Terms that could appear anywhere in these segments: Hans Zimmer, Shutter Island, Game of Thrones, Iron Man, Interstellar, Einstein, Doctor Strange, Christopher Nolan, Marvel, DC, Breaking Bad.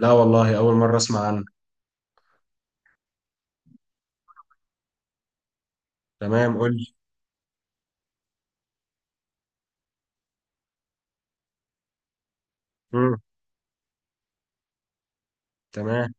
لا والله أول مرة أسمع عنه. تمام، قول لي. مم. تمام.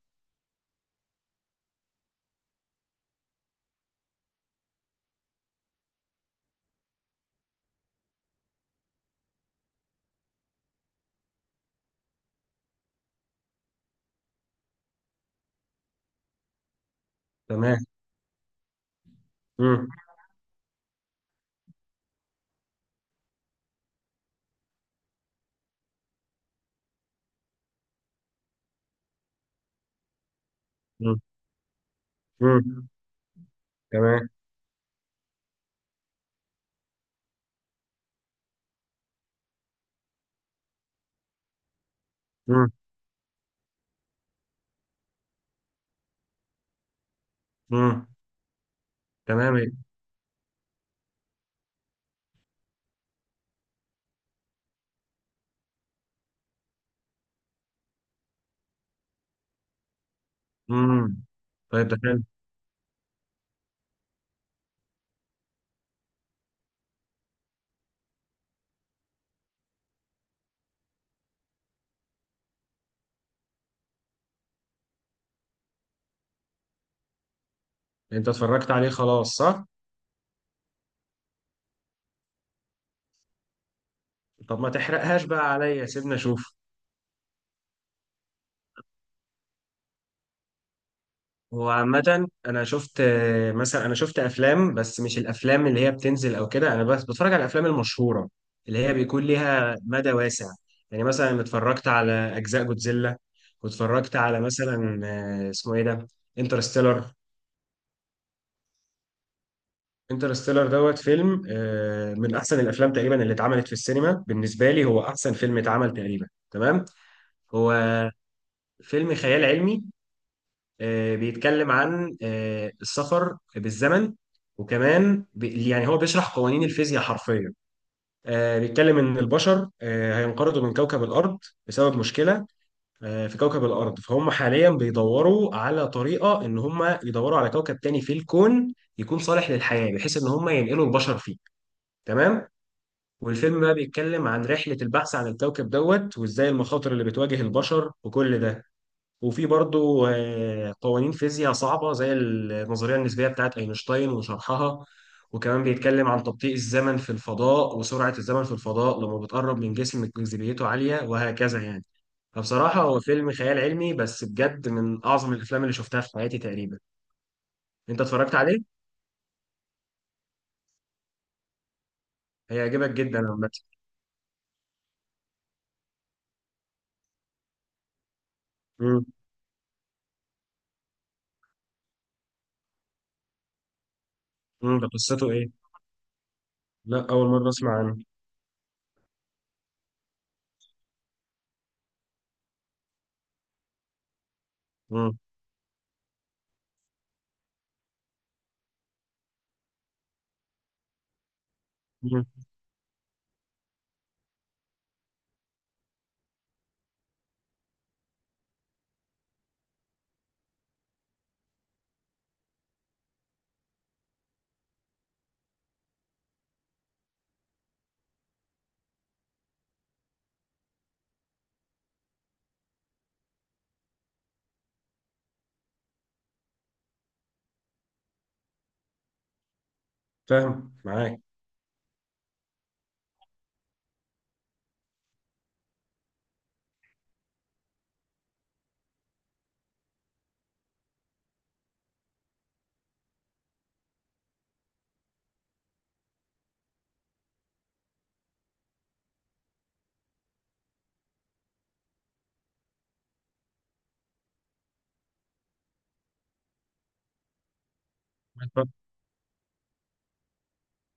تمام. مم. مم. مم. تمام. مم. مم. تمام إيه؟ مم. طيب ده حلو. أنت اتفرجت عليه خلاص صح؟ طب ما تحرقهاش بقى عليا، سيبنا أشوف. هو عامة أنا شفت مثلا أنا شفت أفلام، بس مش الأفلام اللي هي بتنزل أو كده، أنا بس بتفرج على الأفلام المشهورة اللي هي بيكون ليها مدى واسع. يعني مثلا اتفرجت على أجزاء جودزيلا، واتفرجت على مثلا اسمه إيه ده؟ انترستيلر. انترستيلر دوت فيلم من احسن الافلام تقريبا اللي اتعملت في السينما، بالنسبه لي هو احسن فيلم اتعمل تقريبا. تمام. هو فيلم خيال علمي. بيتكلم عن السفر بالزمن، وكمان يعني هو بيشرح قوانين الفيزياء حرفيا. بيتكلم ان البشر هينقرضوا من كوكب الارض بسبب مشكله في كوكب الارض، فهم حاليا بيدوروا على طريقه ان هم يدوروا على كوكب تاني في الكون يكون صالح للحياه، بحيث ان هم ينقلوا البشر فيه. تمام. والفيلم بقى بيتكلم عن رحلة البحث عن الكوكب دوت، وازاي المخاطر اللي بتواجه البشر وكل ده. وفي برضو قوانين فيزياء صعبة زي النظرية النسبية بتاعت أينشتاين وشرحها. وكمان بيتكلم عن تبطيء الزمن في الفضاء وسرعة الزمن في الفضاء لما بتقرب من جسم جاذبيته عالية وهكذا يعني. فبصراحة هو فيلم خيال علمي بس بجد من أعظم الأفلام اللي شفتها في حياتي تقريبا. أنت اتفرجت عليه؟ هيعجبك جدا عامة. مم. مم. ده قصته إيه؟ لا أول مرة أسمع عنه. مم. فاهم معاك.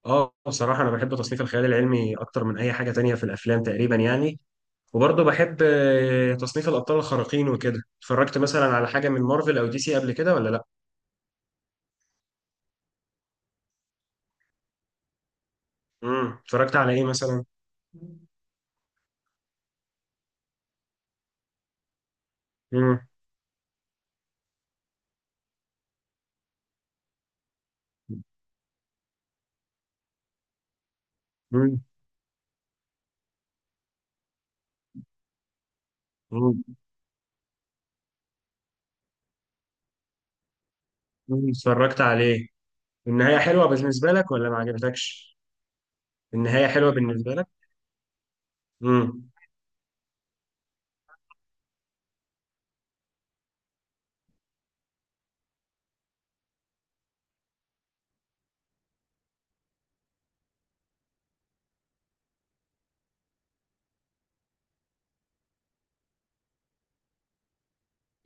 اه بصراحة أنا بحب تصنيف الخيال العلمي أكتر من أي حاجة تانية في الأفلام تقريبا يعني. وبرضه بحب تصنيف الأبطال الخارقين وكده. اتفرجت مثلا على حاجة من مارفل أو دي سي قبل كده ولا لأ؟ امم، اتفرجت على إيه مثلا؟ امم. امم. امم. أمم، اتفرجت عليه. النهاية حلوة بالنسبة لك ولا ما عجبتكش؟ النهاية حلوة بالنسبة لك؟ امم.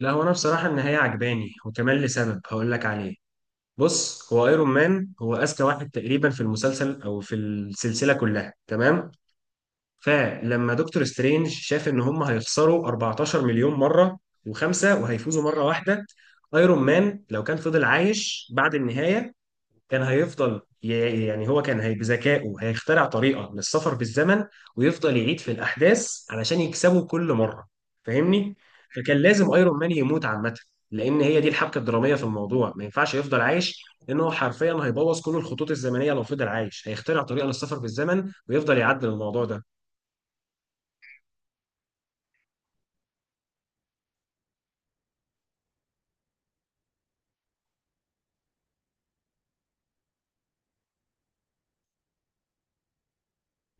لا هو أنا بصراحة النهاية عجباني، وكمان لسبب هقول لك عليه. بص، هو ايرون مان هو اذكى واحد تقريبا في المسلسل او في السلسله كلها، تمام. فلما دكتور سترينج شاف ان هم هيخسروا 14 مليون مره وخمسه وهيفوزوا مره واحده، ايرون مان لو كان فضل عايش بعد النهايه كان هيفضل يعني هو كان هي بذكائه هيخترع طريقة للسفر بالزمن، ويفضل يعيد في الأحداث علشان يكسبه كل مرة. فاهمني؟ فكان لازم ايرون مان يموت عامة، لأن هي دي الحبكة الدرامية في الموضوع. ما ينفعش يفضل عايش، لأنه حرفيا هيبوظ كل الخطوط الزمنية لو فضل عايش، هيخترع طريقة للسفر بالزمن ويفضل يعدل الموضوع ده.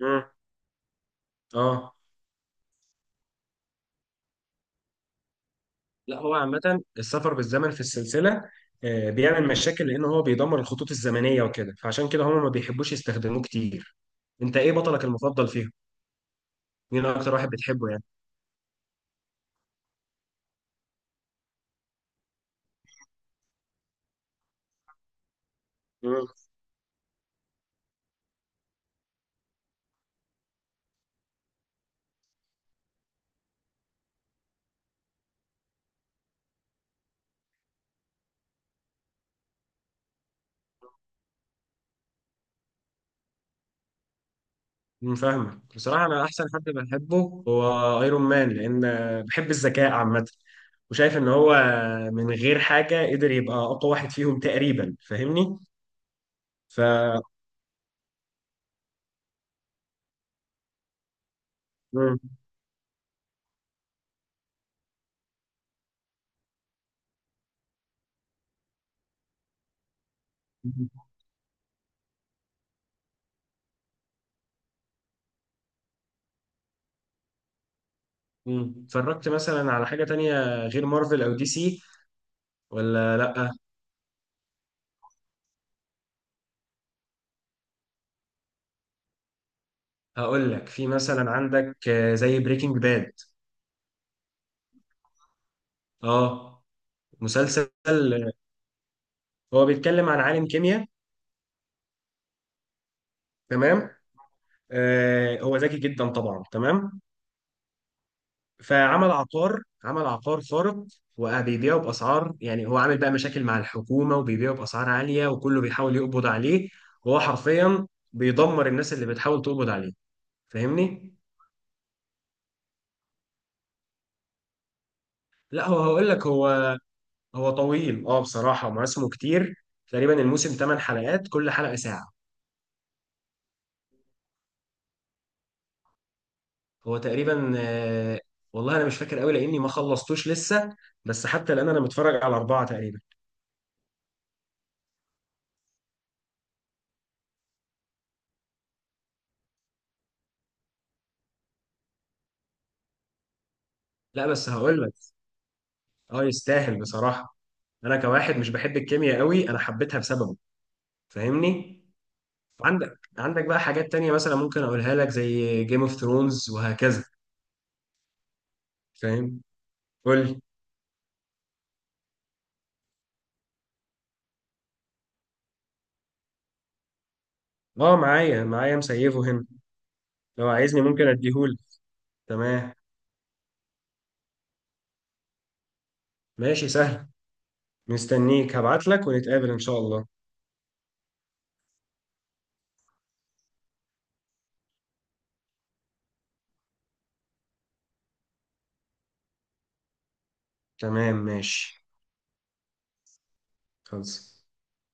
مم. اه. لا هو عامة السفر بالزمن في السلسلة بيعمل مشاكل، لأن هو بيدمر الخطوط الزمنية وكده، فعشان كده هم ما بيحبوش يستخدموه كتير. انت ايه بطلك المفضل فيهم؟ مين اكتر واحد بتحبه يعني؟ مم. مم، فاهمك. بصراحة أنا أحسن حد بحبه هو أيرون مان، لأن بحب الذكاء عامة، وشايف إن هو من غير حاجة قدر يبقى أقوى واحد فيهم تقريبا. فاهمني؟ ف. مم. مم. اتفرجت مثلا على حاجة تانية غير مارفل أو دي سي ولا لأ؟ هقول لك. في مثلا عندك زي بريكنج باد. أه. مسلسل هو بيتكلم عن عالم كيمياء. تمام. هو ذكي جدا طبعا، تمام. فعمل عقار، عمل عقار خارق، وبيبيعه باسعار، يعني هو عامل بقى مشاكل مع الحكومه، وبيبيعه باسعار عاليه، وكله بيحاول يقبض عليه، وهو حرفيا بيدمر الناس اللي بتحاول تقبض عليه. فاهمني؟ لا هو هقول لك. هو طويل اه. بصراحه مواسمه كتير، تقريبا الموسم 8 حلقات، كل حلقه ساعه. هو تقريبا والله انا مش فاكر قوي لاني ما خلصتوش لسه، بس حتى الان انا متفرج على اربعه تقريبا. لا بس هقول لك. اه يستاهل بصراحة. انا كواحد مش بحب الكيمياء قوي، انا حبيتها بسببه. فاهمني. عندك بقى حاجات تانية مثلا ممكن اقولها لك زي جيم اوف ثرونز وهكذا. فاهم. قول لي. اه معايا معايا مسيفه هنا. لو عايزني ممكن اديهولك. تمام ماشي، سهل. مستنيك، هبعت لك ونتقابل ان شاء الله. تمام ماشي. خلص.